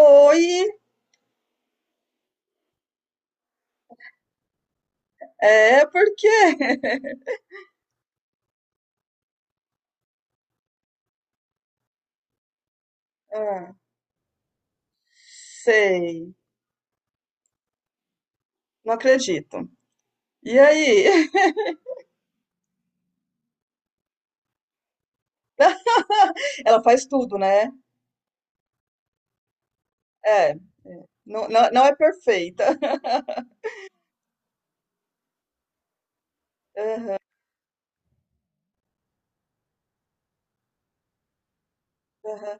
Oi, é porque. Ah, sei, não acredito. E aí? Ela faz tudo, né? É, é. Não, não, não é perfeita. Aham, aham,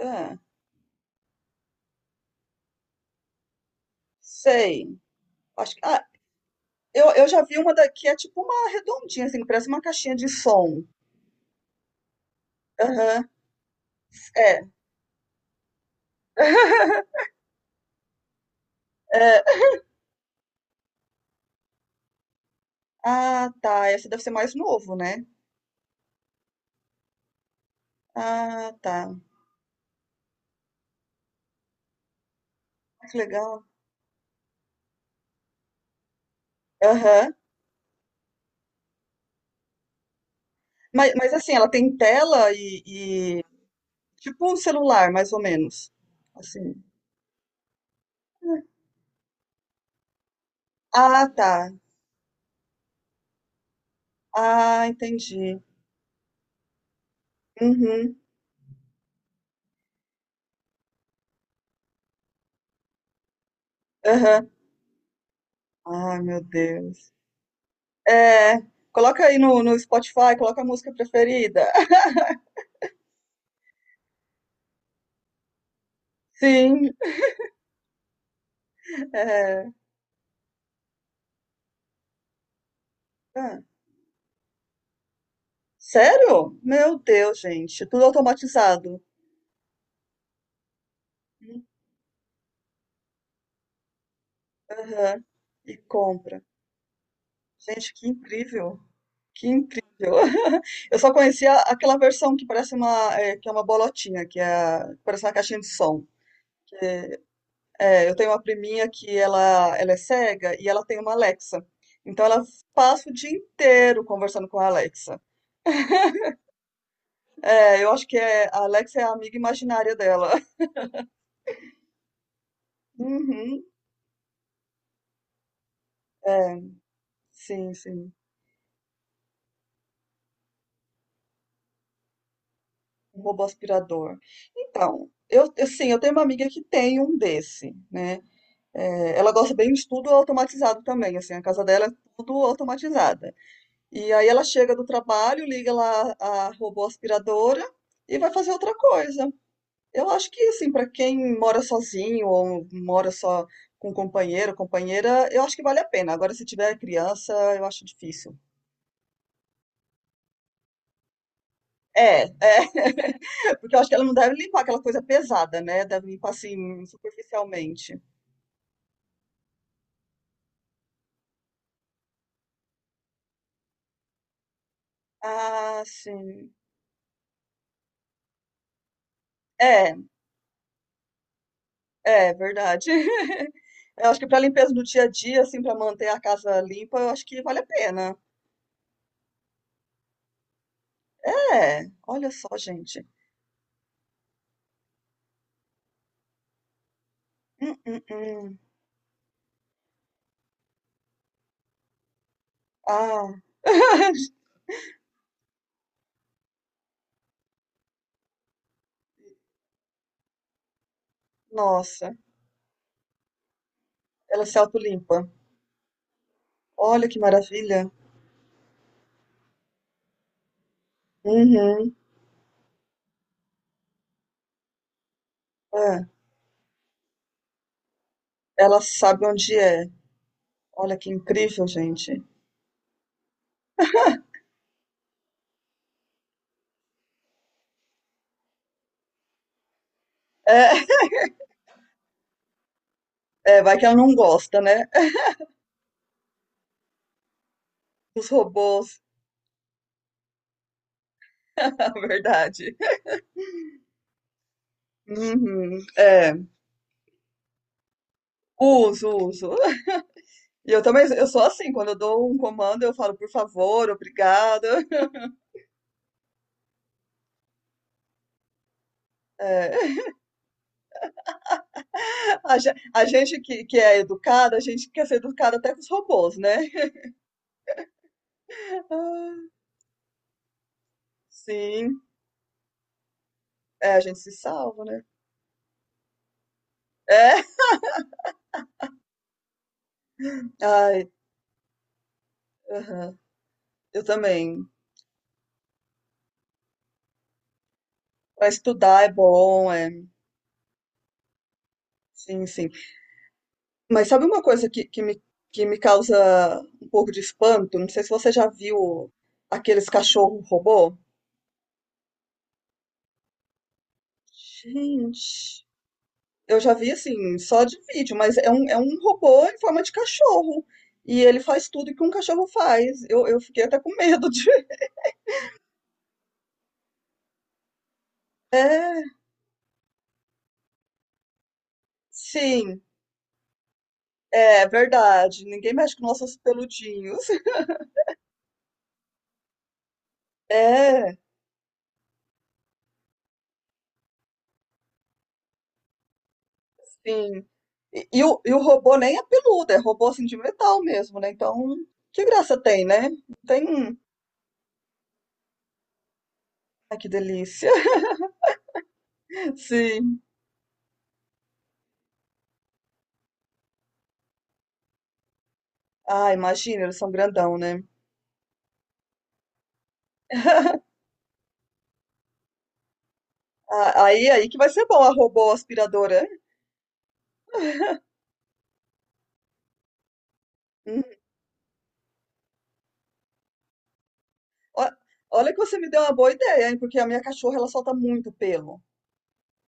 ah, sei. Acho que, ah, eu já vi uma daqui, é tipo uma redondinha, assim, que parece uma caixinha de som. Aham, é. É. Ah, tá. Esse deve ser mais novo, né? Ah, tá. Que legal. Aham. Mas assim, ela tem tela tipo um celular, mais ou menos. Assim. Ah, tá. Ah, entendi. Uhum. Aham. Ai, meu Deus. É, coloca aí no Spotify, coloca a música preferida. Sim. É. Ah, sério? Meu Deus, gente. Tudo automatizado. Aham. E compra. Gente, que incrível. Que incrível! Eu só conhecia aquela versão que parece uma, que é uma bolotinha, que é, que parece uma caixinha de som. É, eu tenho uma priminha que ela é cega e ela tem uma Alexa. Então ela passa o dia inteiro conversando com a Alexa. É, eu acho que é, a Alexa é a amiga imaginária dela. Uhum. É, sim, sim. Um robô aspirador. Então, sim, eu tenho uma amiga que tem um desse, né? É, ela gosta bem de tudo automatizado também, assim, a casa dela é tudo automatizada. E aí ela chega do trabalho, liga lá a robô aspiradora e vai fazer outra coisa. Eu acho que assim, para quem mora sozinho ou mora só com companheiro, companheira, eu acho que vale a pena. Agora, se tiver criança, eu acho difícil. É, é, porque eu acho que ela não deve limpar aquela coisa pesada, né? Deve limpar assim superficialmente. Ah, sim. É, é verdade. Eu acho que para limpeza do dia a dia, assim, para manter a casa limpa, eu acho que vale a pena. É, olha só, gente. Hum, hum, hum. Ah, nossa, ela se autolimpa. Olha que maravilha. Uhum. É. Ela sabe onde é. Olha que incrível, gente. É, é, vai que ela não gosta, né? Dos robôs, na verdade. Uhum. É, uso, uso. E eu também, eu sou assim, quando eu dou um comando, eu falo, por favor, obrigado. É, a gente que é educada, a gente quer ser educada até com os robôs, né? Ah, sim. É, a gente se salva, né? É. Ai, aham. Eu também. Pra estudar é bom, é. Sim, sim. Mas sabe uma coisa que me causa um pouco de espanto? Não sei se você já viu aqueles cachorro robô. Gente, eu já vi assim, só de vídeo, mas é um robô em forma de cachorro. E ele faz tudo que um cachorro faz. Eu fiquei até com medo de. É, sim, é verdade. Ninguém mexe com nossos peludinhos. É. Sim. E o robô nem é peludo, é robô assim de metal mesmo, né? Então, que graça tem, né? Tem. Ai, que delícia. Sim. Ah, imagina, eles são grandão, né? Ah, Aí que vai ser bom a robô aspiradora, hein? Hum. Ó- Olha que você me deu uma boa ideia, hein? Porque a minha cachorra ela solta muito pelo.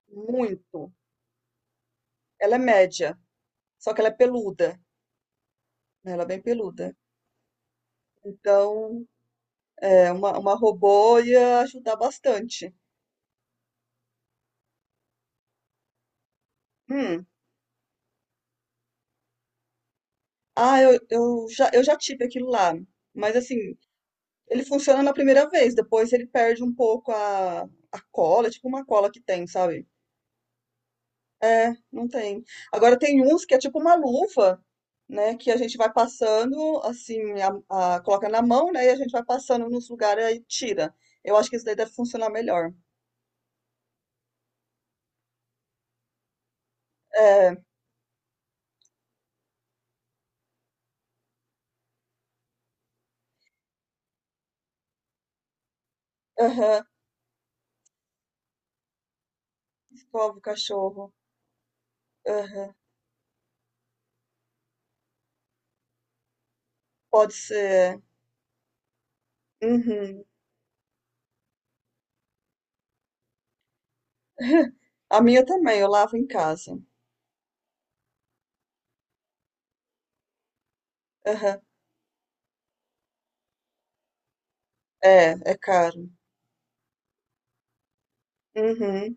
Muito. Ela é média, só que ela é peluda, né? Ela é bem peluda. Então, é, uma robô ia ajudar bastante. Hum. Ah, eu já tive aquilo lá. Mas assim, ele funciona na primeira vez, depois ele perde um pouco a cola, é tipo uma cola que tem, sabe? É, não tem. Agora tem uns que é tipo uma luva, né? Que a gente vai passando, assim, coloca na mão, né? E a gente vai passando nos lugares e tira. Eu acho que isso daí deve funcionar melhor. É, aham, escova o cachorro. Aham, pode ser. Uhum. A minha também, eu lavo em casa. Aham, é, é caro. Uhum.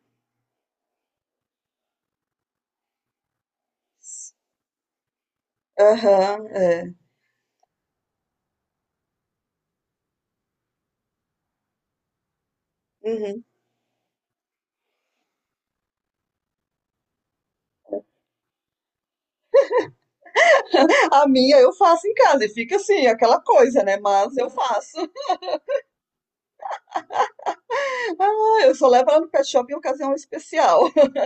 Aham, é. Uhum. A minha eu faço em casa e fica assim, aquela coisa, né? Mas eu faço. Ah, eu só levo ela no pet shop em ocasião especial.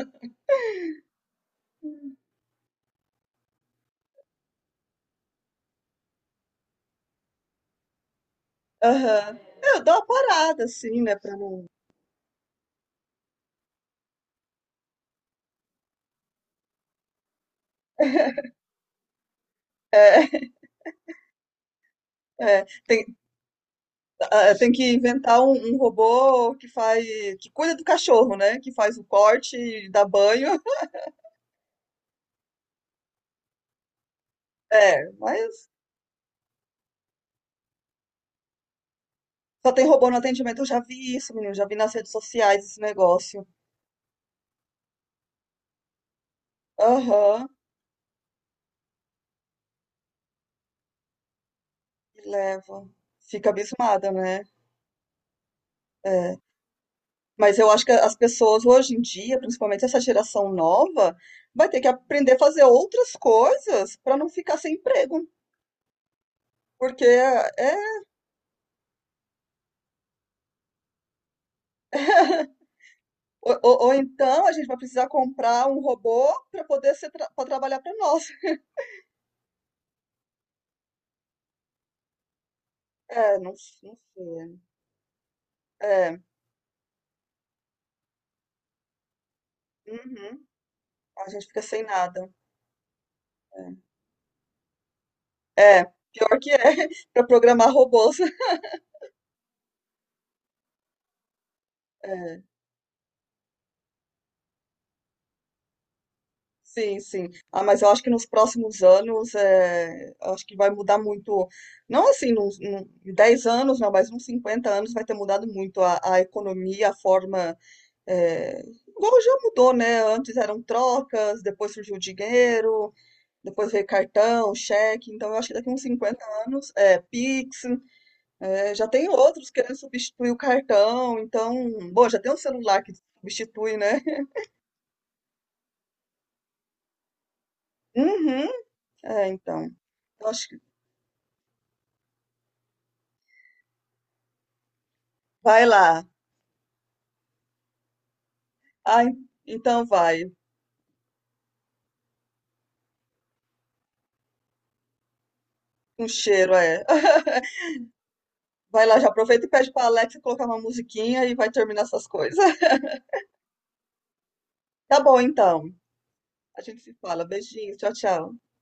Aham. É. Eu dou uma parada, assim, né? Pra não... É, é. Tem que inventar um robô que faz, que cuida do cachorro, né? Que faz o corte, dá banho. É, mas só tem robô no atendimento. Eu já vi isso, menino. Já vi nas redes sociais esse negócio. Aham, e leva. Fica abismada, né? É. Mas eu acho que as pessoas hoje em dia, principalmente essa geração nova, vai ter que aprender a fazer outras coisas para não ficar sem emprego. Porque é, ou então a gente vai precisar comprar um robô para poder ser tra para trabalhar para nós. É, não, não sei. É, uhum. A gente fica sem nada. É, é, pior que é para programar robôs. É. Sim, sim. Ah, mas eu acho que nos próximos anos, eu acho que vai mudar muito, não assim, em 10 anos, não, mas uns 50 anos vai ter mudado muito a economia, a forma, é, igual já mudou, né? Antes eram trocas, depois surgiu o dinheiro, depois veio cartão, cheque, então eu acho que daqui uns 50 anos, Pix, é, já tem outros querendo substituir o cartão, então, bom, já tem um celular que substitui, né? Uhum, é, então, eu acho que vai lá. Ai, então vai. Um cheiro, é. Vai lá, já aproveita e pede pra Alexa colocar uma musiquinha e vai terminar essas coisas. Tá bom, então. A gente se fala. Beijinho, tchau, tchau.